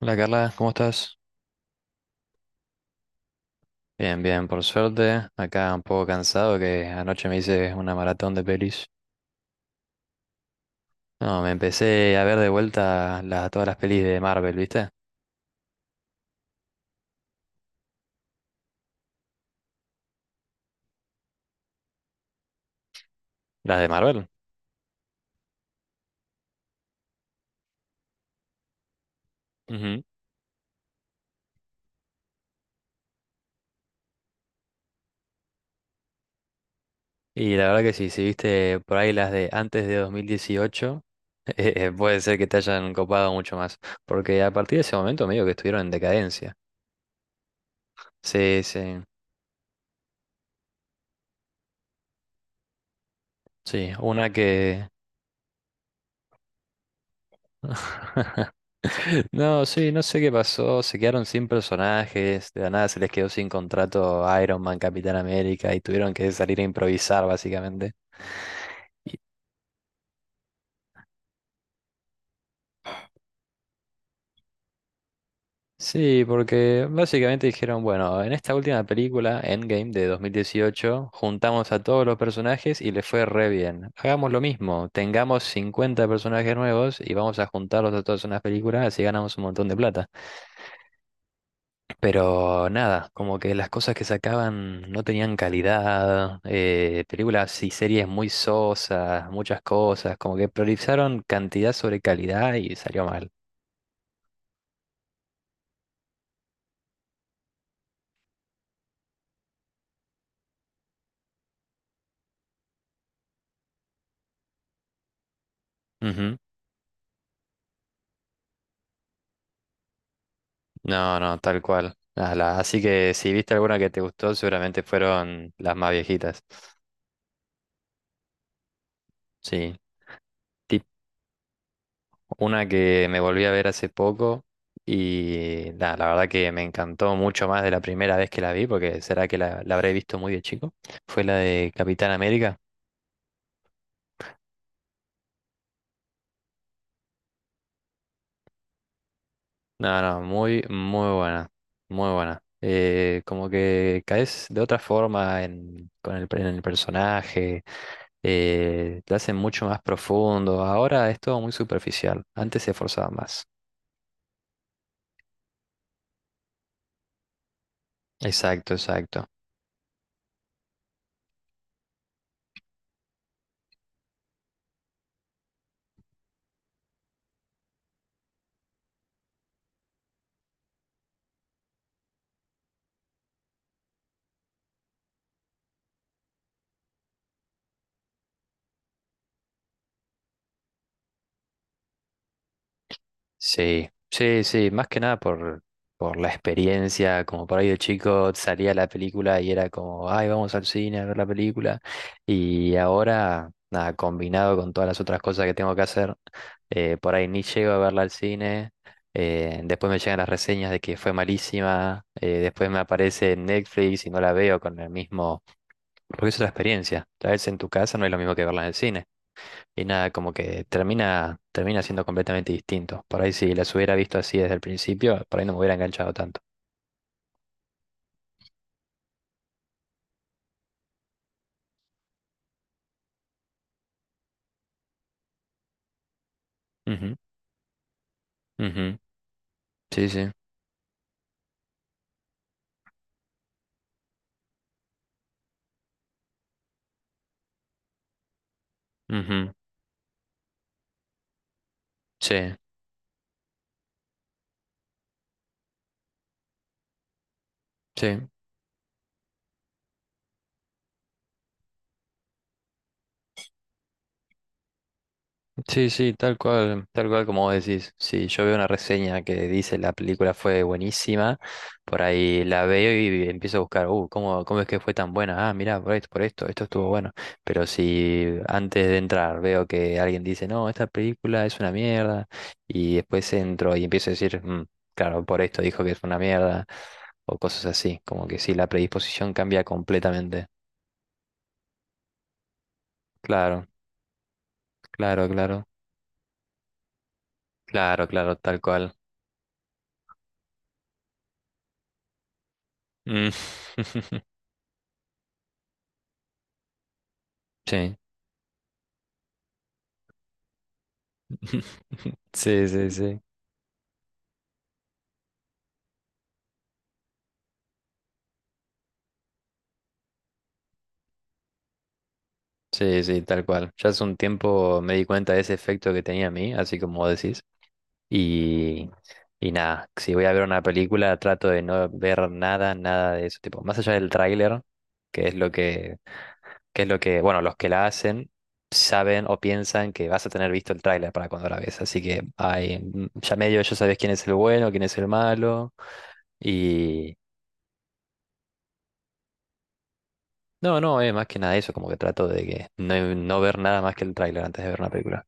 Hola Carla, ¿cómo estás? Bien, bien, por suerte. Acá un poco cansado que anoche me hice una maratón de pelis. No, me empecé a ver de vuelta todas las pelis de Marvel, ¿viste? Las de Marvel. Ujú. Y la verdad que sí, si viste por ahí las de antes de 2018, puede ser que te hayan copado mucho más. Porque a partir de ese momento medio que estuvieron en decadencia. Sí, sí, sí. Una que... No, sí, no sé qué pasó. Se quedaron sin personajes. De la nada se les quedó sin contrato Iron Man, Capitán América y tuvieron que salir a improvisar, básicamente. Sí, porque básicamente dijeron, bueno, en esta última película, Endgame de 2018, juntamos a todos los personajes y les fue re bien. Hagamos lo mismo, tengamos 50 personajes nuevos y vamos a juntarlos a todos en una película, así ganamos un montón de plata. Pero nada, como que las cosas que sacaban no tenían calidad, películas y series muy sosas, muchas cosas, como que priorizaron cantidad sobre calidad y salió mal. Ujú. No, no, tal cual. Ah, así que si viste alguna que te gustó, seguramente fueron las más viejitas. Sí, tip, una que me volví a ver hace poco y nada, la verdad que me encantó mucho más de la primera vez que la vi, porque será que la habré visto muy de chico, fue la de Capitán América. No, no, muy, muy buena, muy buena. Como que caes de otra forma en, con el, en el personaje, te hacen mucho más profundo. Ahora es todo muy superficial, antes se esforzaba más. Exacto, exacto. Sí, sí, sí, más que nada por la experiencia, como por ahí de chico salía la película y era como, ay, vamos al cine a ver la película. Y ahora, nada, combinado con todas las otras cosas que tengo que hacer, por ahí ni llego a verla al cine, después me llegan las reseñas de que fue malísima, después me aparece en Netflix y no la veo con el mismo, porque es otra experiencia, tal vez en tu casa no es lo mismo que verla en el cine. Y nada, como que termina siendo completamente distinto. Por ahí si las hubiera visto así desde el principio, por ahí no me hubiera enganchado tanto. Ujú, ujú. Sí, sí, ujú. Sí, sí. Sí, sí, tal cual como vos decís. Si yo veo una reseña que dice la película fue buenísima, por ahí la veo y empiezo a buscar, ¿cómo, cómo es que fue tan buena? Ah, mirá, por esto, esto estuvo bueno. Pero si antes de entrar veo que alguien dice, no, esta película es una mierda, y después entro y empiezo a decir, "Mm, claro, por esto dijo que es una mierda, o cosas así, como que sí, la predisposición cambia completamente. Claro, claro, claro, claro, claro, tal cual. Mm. Sí. Sí, sí, sí. Sí, sí, tal cual. Ya hace un tiempo me di cuenta de ese efecto que tenía a mí, así como vos decís. Y, y nada, si voy a ver una película, trato de no ver nada, nada de eso. Tipo, más allá del tráiler, que es lo que, los que la hacen saben o piensan que vas a tener visto el tráiler para cuando la ves. Así que ay, mm, ya medio ya sabes quién es el bueno, quién es el malo. No, no, es más que nada eso, como que trato de que no, no ver nada más que el tráiler antes de ver una película.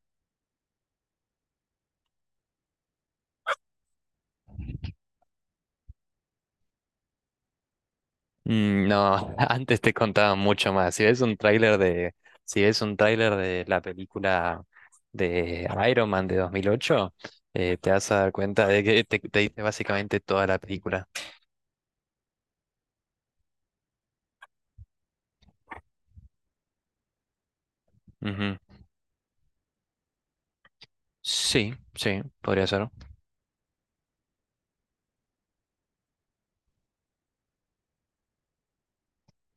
Mm, no, antes te contaba mucho más. Si ves un tráiler de, si ves un tráiler de la película de Iron Man de 2008, te vas a dar cuenta de que te dice básicamente toda la película. Ujú. Sí, sí, podría ser.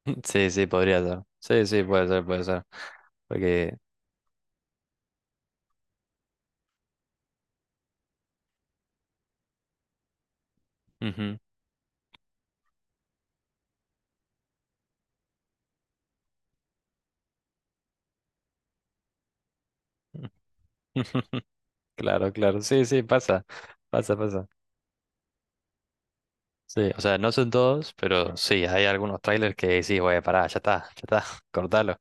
Sí, sí, podría ser. Sí, sí, puede ser, puede ser. Porque... ujú. Claro, claro, sí, sí, pasa, pasa, pasa. Sí, o sea, no son todos, pero sí, hay algunos trailers que sí, güey, pará, ya está, cortalo.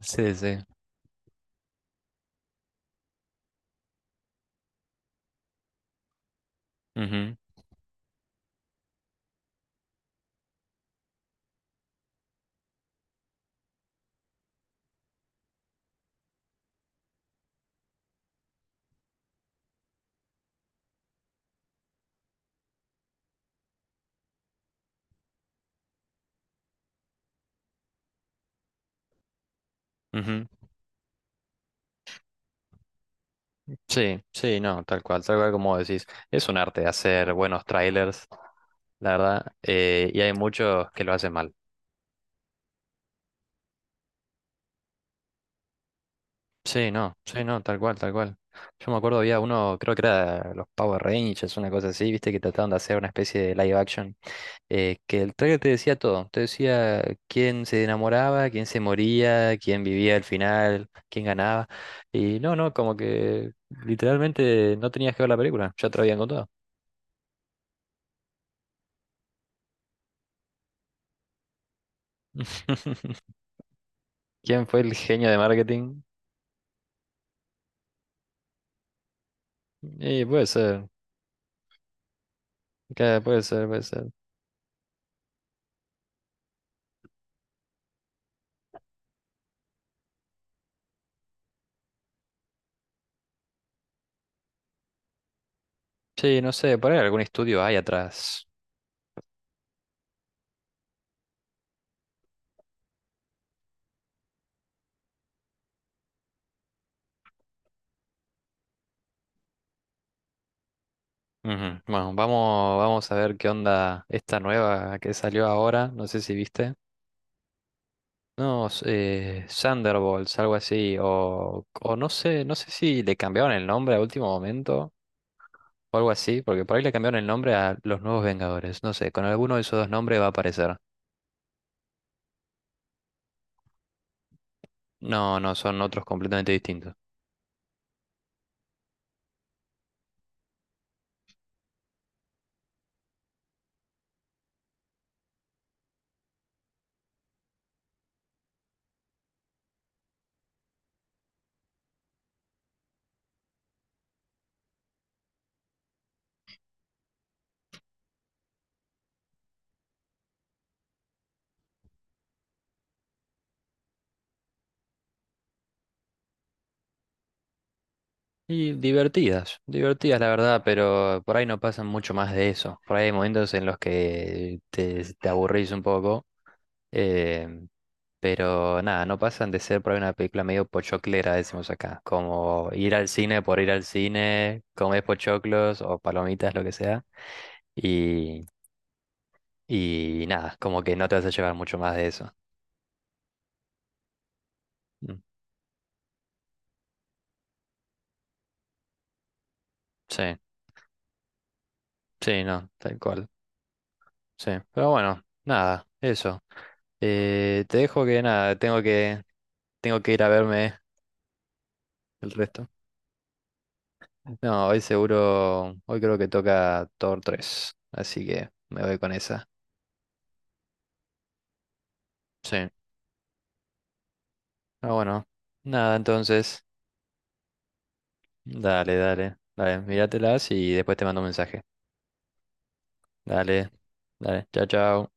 Sí, sí. Ujú, ujú. Sí, sí, no, tal cual como decís. Es un arte hacer buenos trailers, la verdad, y hay muchos que lo hacen mal. Sí, no, sí, no, tal cual, tal cual. Yo me acuerdo había uno, creo que era los Power Rangers, una cosa así, viste, que trataban de hacer una especie de live action, que el trailer te decía todo, te decía quién se enamoraba, quién se moría, quién vivía al final, quién ganaba, y no, no, como que literalmente no tenías que ver la película, ya te lo habían contado. ¿Quién fue el genio de marketing? Y puede ser, que puede ser, puede ser. Sí, no sé, por ahí algún estudio hay atrás. Ujú. Bueno, vamos, vamos a ver qué onda esta nueva que salió ahora. No sé si viste. No, Thunderbolts, algo así. O no sé, no sé si le cambiaron el nombre a último momento o algo así, porque por ahí le cambiaron el nombre a los Nuevos Vengadores. No sé, con alguno de esos dos nombres va a aparecer. No, no, son otros completamente distintos. Y divertidas, divertidas la verdad, pero por ahí no pasan mucho más de eso. Por ahí hay momentos en los que te aburrís un poco. Em, pero nada, no pasan de ser por ahí una película medio pochoclera, decimos acá. Como ir al cine por ir al cine, comer pochoclos o palomitas, lo que sea. Y, y nada, como que no te vas a llevar mucho más de eso. Mm, sí, sí, no, tal cual. Sí, pero bueno, nada, eso. Te dejo que nada, tengo que ir a verme el resto. No, hoy seguro, hoy creo que toca Thor 3 así que me voy con esa. Sí. Ah, bueno. Nada, entonces. Dale, dale. Dale, míratelas y después te mando un mensaje. Dale, dale. Chao, chao.